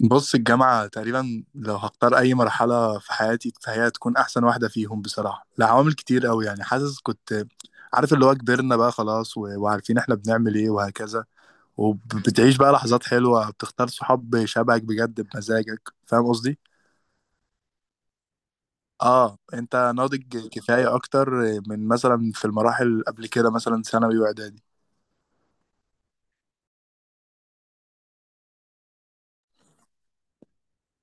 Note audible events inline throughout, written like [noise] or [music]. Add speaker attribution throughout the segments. Speaker 1: بص، الجامعة تقريبا لو هختار أي مرحلة في حياتي فهي تكون أحسن واحدة فيهم بصراحة، لعوامل كتير أوي. يعني حاسس كنت عارف اللي هو كبرنا بقى خلاص وعارفين إحنا بنعمل إيه وهكذا، وبتعيش بقى لحظات حلوة، بتختار صحاب شبهك بجد بمزاجك. فاهم قصدي؟ آه أنت ناضج كفاية أكتر من مثلا في المراحل قبل كده، مثلا ثانوي وإعدادي.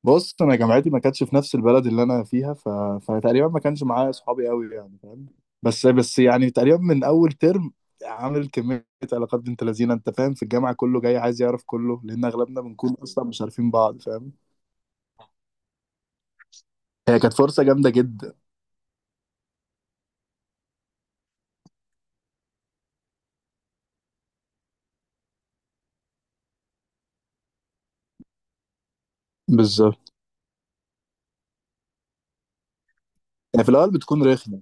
Speaker 1: بص انا جامعتي ما كانتش في نفس البلد اللي انا فيها فتقريبا ما كانش معايا اصحابي قوي، يعني فاهم. بس يعني تقريبا من اول ترم عامل كميه علاقات بنت لذينه، انت فاهم، في الجامعه كله جاي عايز يعرف كله، لان اغلبنا بنكون اصلا مش عارفين بعض، فاهم. هي كانت فرصه جامده جدا. بالظبط، يعني في الاول بتكون رخمه.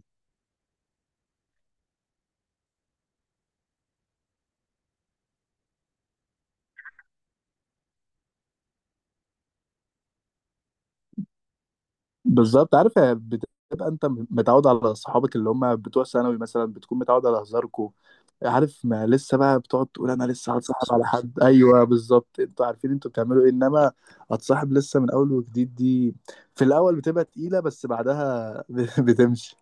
Speaker 1: بالظبط، عارف هي بتبقى انت متعود على صحابك اللي هم بتوع ثانوي مثلا، بتكون متعود على هزاركوا، عارف. ما لسه بقى بتقعد تقول انا لسه هتصاحب على حد، ايوه بالظبط، انتوا عارفين انتوا بتعملوا ايه. انما هتصاحب لسه من اول وجديد دي، في الاول بتبقى تقيله بس بعدها [laughs] بتمشي.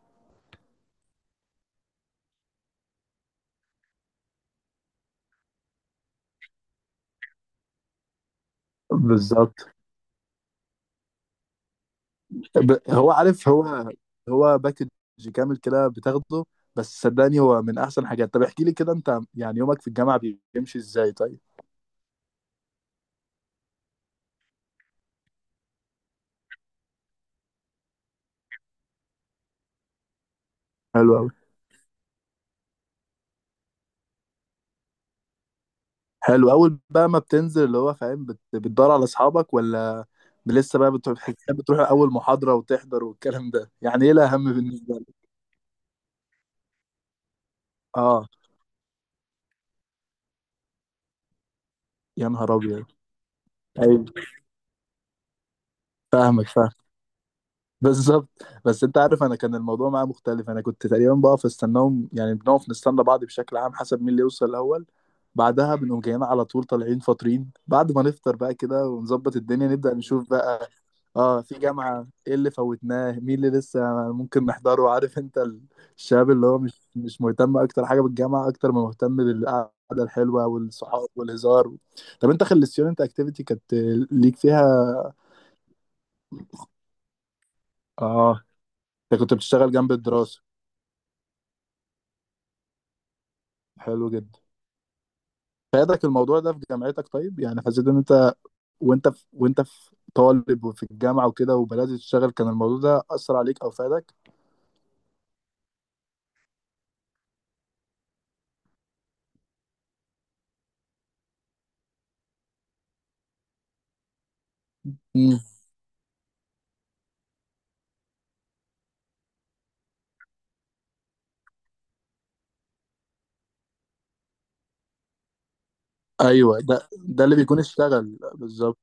Speaker 1: بالظبط. هو هو باكج كامل كده بتاخده، بس صدقني هو من احسن حاجات. طب احكي لي كده انت يعني يومك في الجامعه بيمشي ازاي طيب؟ حلو أوي. حلو، اول بقى ما بتنزل اللي هو فاهم بتدور على اصحابك، ولا لسه بقى بتروح اول محاضرة وتحضر والكلام ده؟ يعني ايه الاهم بالنسبة لك؟ اه. يا نهار ابيض. ايوه فاهمك فاهم [laughs] بالظبط. بس انت عارف انا كان الموضوع معايا مختلف، انا كنت تقريبا بقف استناهم، يعني بنقف نستنى بعض بشكل عام حسب مين اللي يوصل الاول. بعدها بنقوم جايين على طول، طالعين فاطرين، بعد ما نفطر بقى كده ونظبط الدنيا نبدأ نشوف بقى. اه، في جامعة ايه اللي فوتناه، مين اللي لسه ممكن نحضره. عارف انت الشباب اللي هو مش مهتم اكتر حاجة بالجامعة اكتر ما مهتم بالقعدة الحلوة والصحاب والهزار. طب انت خلصتيون، انت اكتيفيتي كانت ليك فيها؟ اه انت كنت بتشتغل جنب الدراسة. حلو جدا. فادك الموضوع ده في جامعتك طيب؟ يعني حسيت ان انت وانت في طالب وفي الجامعة وكده وبدأت تشتغل، كان الموضوع ده أثر عليك أو فادك؟ مم. أيوه، ده ده اللي بيكون اشتغل بالظبط.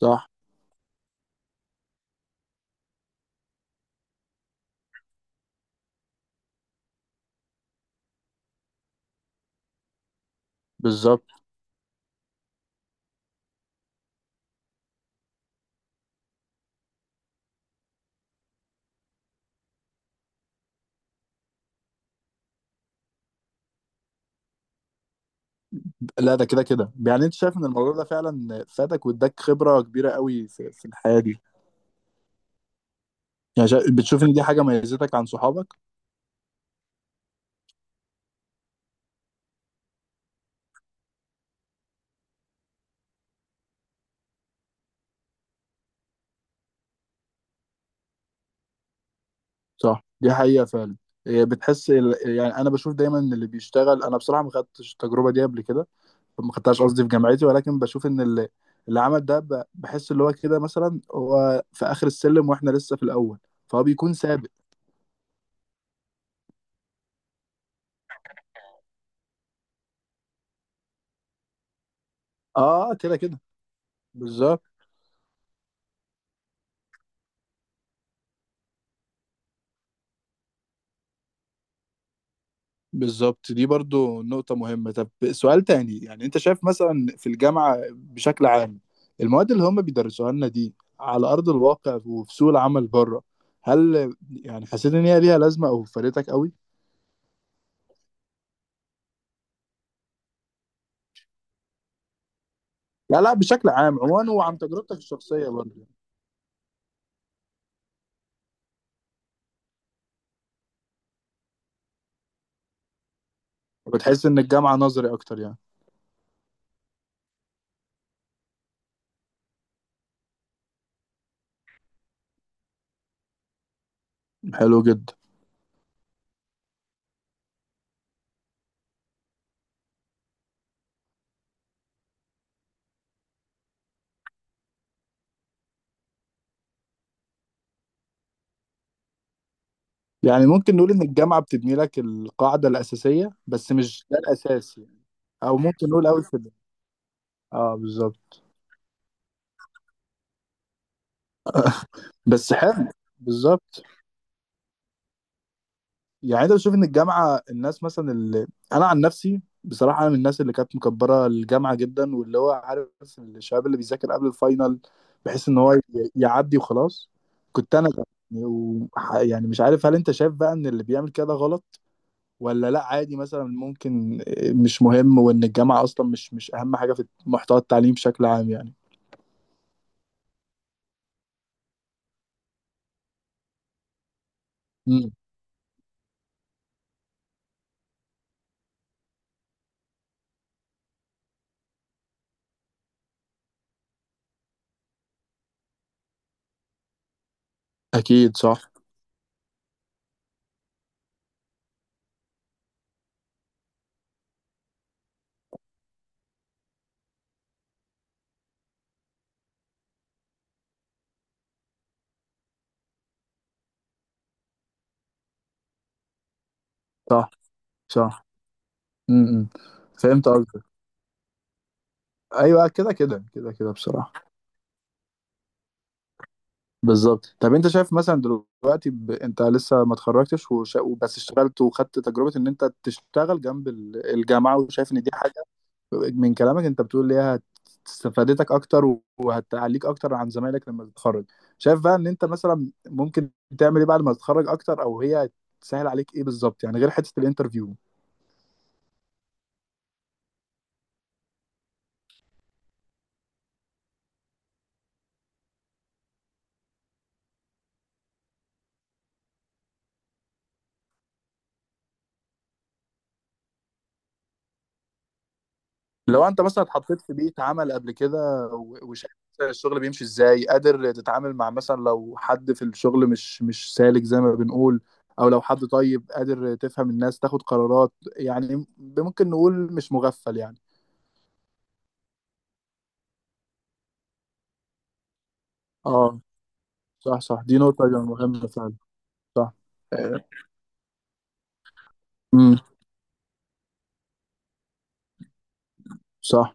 Speaker 1: صح. بالظبط. لا ده كده كده، يعني انت شايف ان الموضوع ده فعلا فادك واداك خبره كبيره قوي في, في الحياه دي. يعني بتشوف ان دي حاجه ميزتك عن صحابك؟ صح دي حقيقه فعلا. إيه، يعني انا بشوف دايما ان اللي بيشتغل، انا بصراحه ما خدتش التجربه دي قبل كده، ما خدتهاش قصدي في جامعتي، ولكن بشوف ان اللي, اللي عمل ده بحس اللي هو كده مثلا هو في اخر السلم واحنا لسه في الاول، فهو بيكون سابق. اه كده كده. بالظبط. بالظبط دي برضو نقطة مهمة. طب سؤال تاني، يعني انت شايف مثلا في الجامعة بشكل عام المواد اللي هم بيدرسوها لنا دي على أرض الواقع وفي سوق العمل بره، هل يعني حسيت ان هي ليها لازمة او فادتك قوي؟ لا لا بشكل عام عموما، وعن تجربتك الشخصية برضو. بتحس ان الجامعة نظري اكتر يعني؟ حلو جدا. يعني ممكن نقول ان الجامعة بتبني لك القاعدة الأساسية بس مش ده الأساس يعني، او ممكن نقول اول كده. اه بالظبط. بس حلو. بالظبط. يعني انت بتشوف ان الجامعه الناس مثلا اللي، انا عن نفسي بصراحه انا من الناس اللي كانت مكبره الجامعه جدا، واللي هو عارف الشباب اللي بيذاكر قبل الفاينل، بحيث ان هو يعدي وخلاص. كنت انا ده. و- يعني مش عارف، هل انت شايف بقى ان اللي بيعمل كده غلط، ولا لا عادي مثلا ممكن مش مهم، وان الجامعه اصلا مش اهم حاجه في محتوى التعليم بشكل عام يعني؟ امم اكيد. صح. صح. صح. امم فهمت قصدك. ايوه كده كده كده كده بصراحه. بالظبط. طب انت شايف مثلا دلوقتي انت لسه ما اتخرجتش بس اشتغلت وخدت تجربة ان انت تشتغل جنب الجامعة، وشايف ان دي حاجة من كلامك انت بتقول ليها استفادتك اكتر وهتعليك اكتر عن زمايلك لما تتخرج، شايف بقى ان انت مثلا ممكن تعمل ايه بعد ما تتخرج اكتر، او هي تسهل عليك ايه بالظبط يعني، غير حتة الانترفيو؟ لو انت مثلا اتحطيت في بيئة عمل قبل كده وشايف مثلاً الشغل بيمشي ازاي، قادر تتعامل مع مثلا لو حد في الشغل مش سالك زي ما بنقول، او لو حد طيب قادر تفهم الناس تاخد قرارات، يعني ممكن نقول مش مغفل يعني. اه صح صح، دي نقطة جدا مهمة فعلا. صح. امم صح.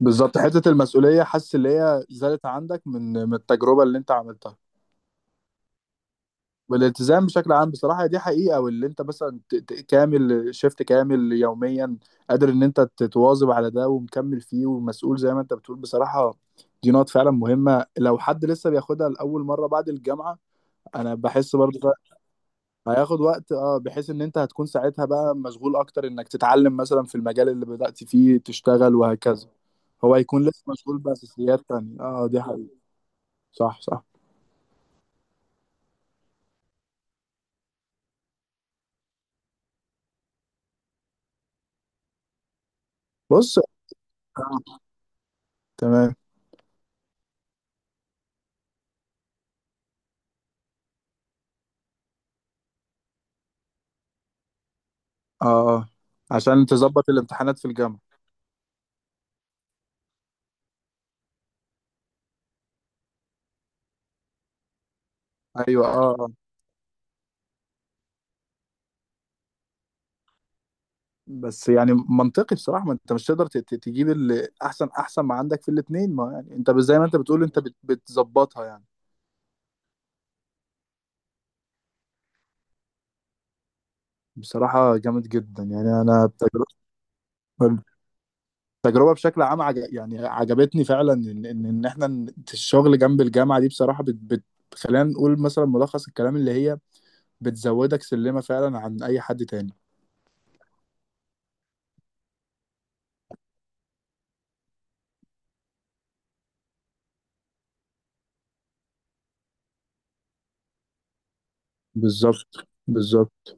Speaker 1: بالظبط. حتة المسؤولية حاسس اللي هي زادت عندك من من التجربة اللي انت عملتها، والالتزام بشكل عام بصراحة دي حقيقة. واللي انت مثلا كامل، شيفت كامل يوميا، قادر ان انت تتواظب على ده ومكمل فيه ومسؤول زي ما انت بتقول بصراحة. دي نقط فعلا مهمة لو حد لسه بياخدها لأول مرة بعد الجامعة. انا بحس برضه هياخد وقت، اه بحيث ان انت هتكون ساعتها بقى مشغول اكتر انك تتعلم مثلا في المجال اللي بدأت فيه تشتغل وهكذا، هو هيكون لسه مشغول بأساسيات تانية. اه دي حقيقة. صح صح. بص، آه، تمام. اه عشان تظبط الامتحانات في الجامعة. ايوه اه آه. بس يعني منطقي بصراحة، ما انت مش تقدر تجيب اللي احسن احسن ما عندك في الاتنين، ما يعني انت زي ما انت بتقول انت بتظبطها يعني. بصراحة جامد جدا يعني. انا بتجربة، التجربة بشكل عام يعني عجبتني فعلا، ان ان إن احنا الشغل جنب الجامعة دي بصراحة خلينا نقول مثلا ملخص الكلام اللي هي بتزودك سلمة فعلا عن اي حد تاني. بالظبط بالظبط.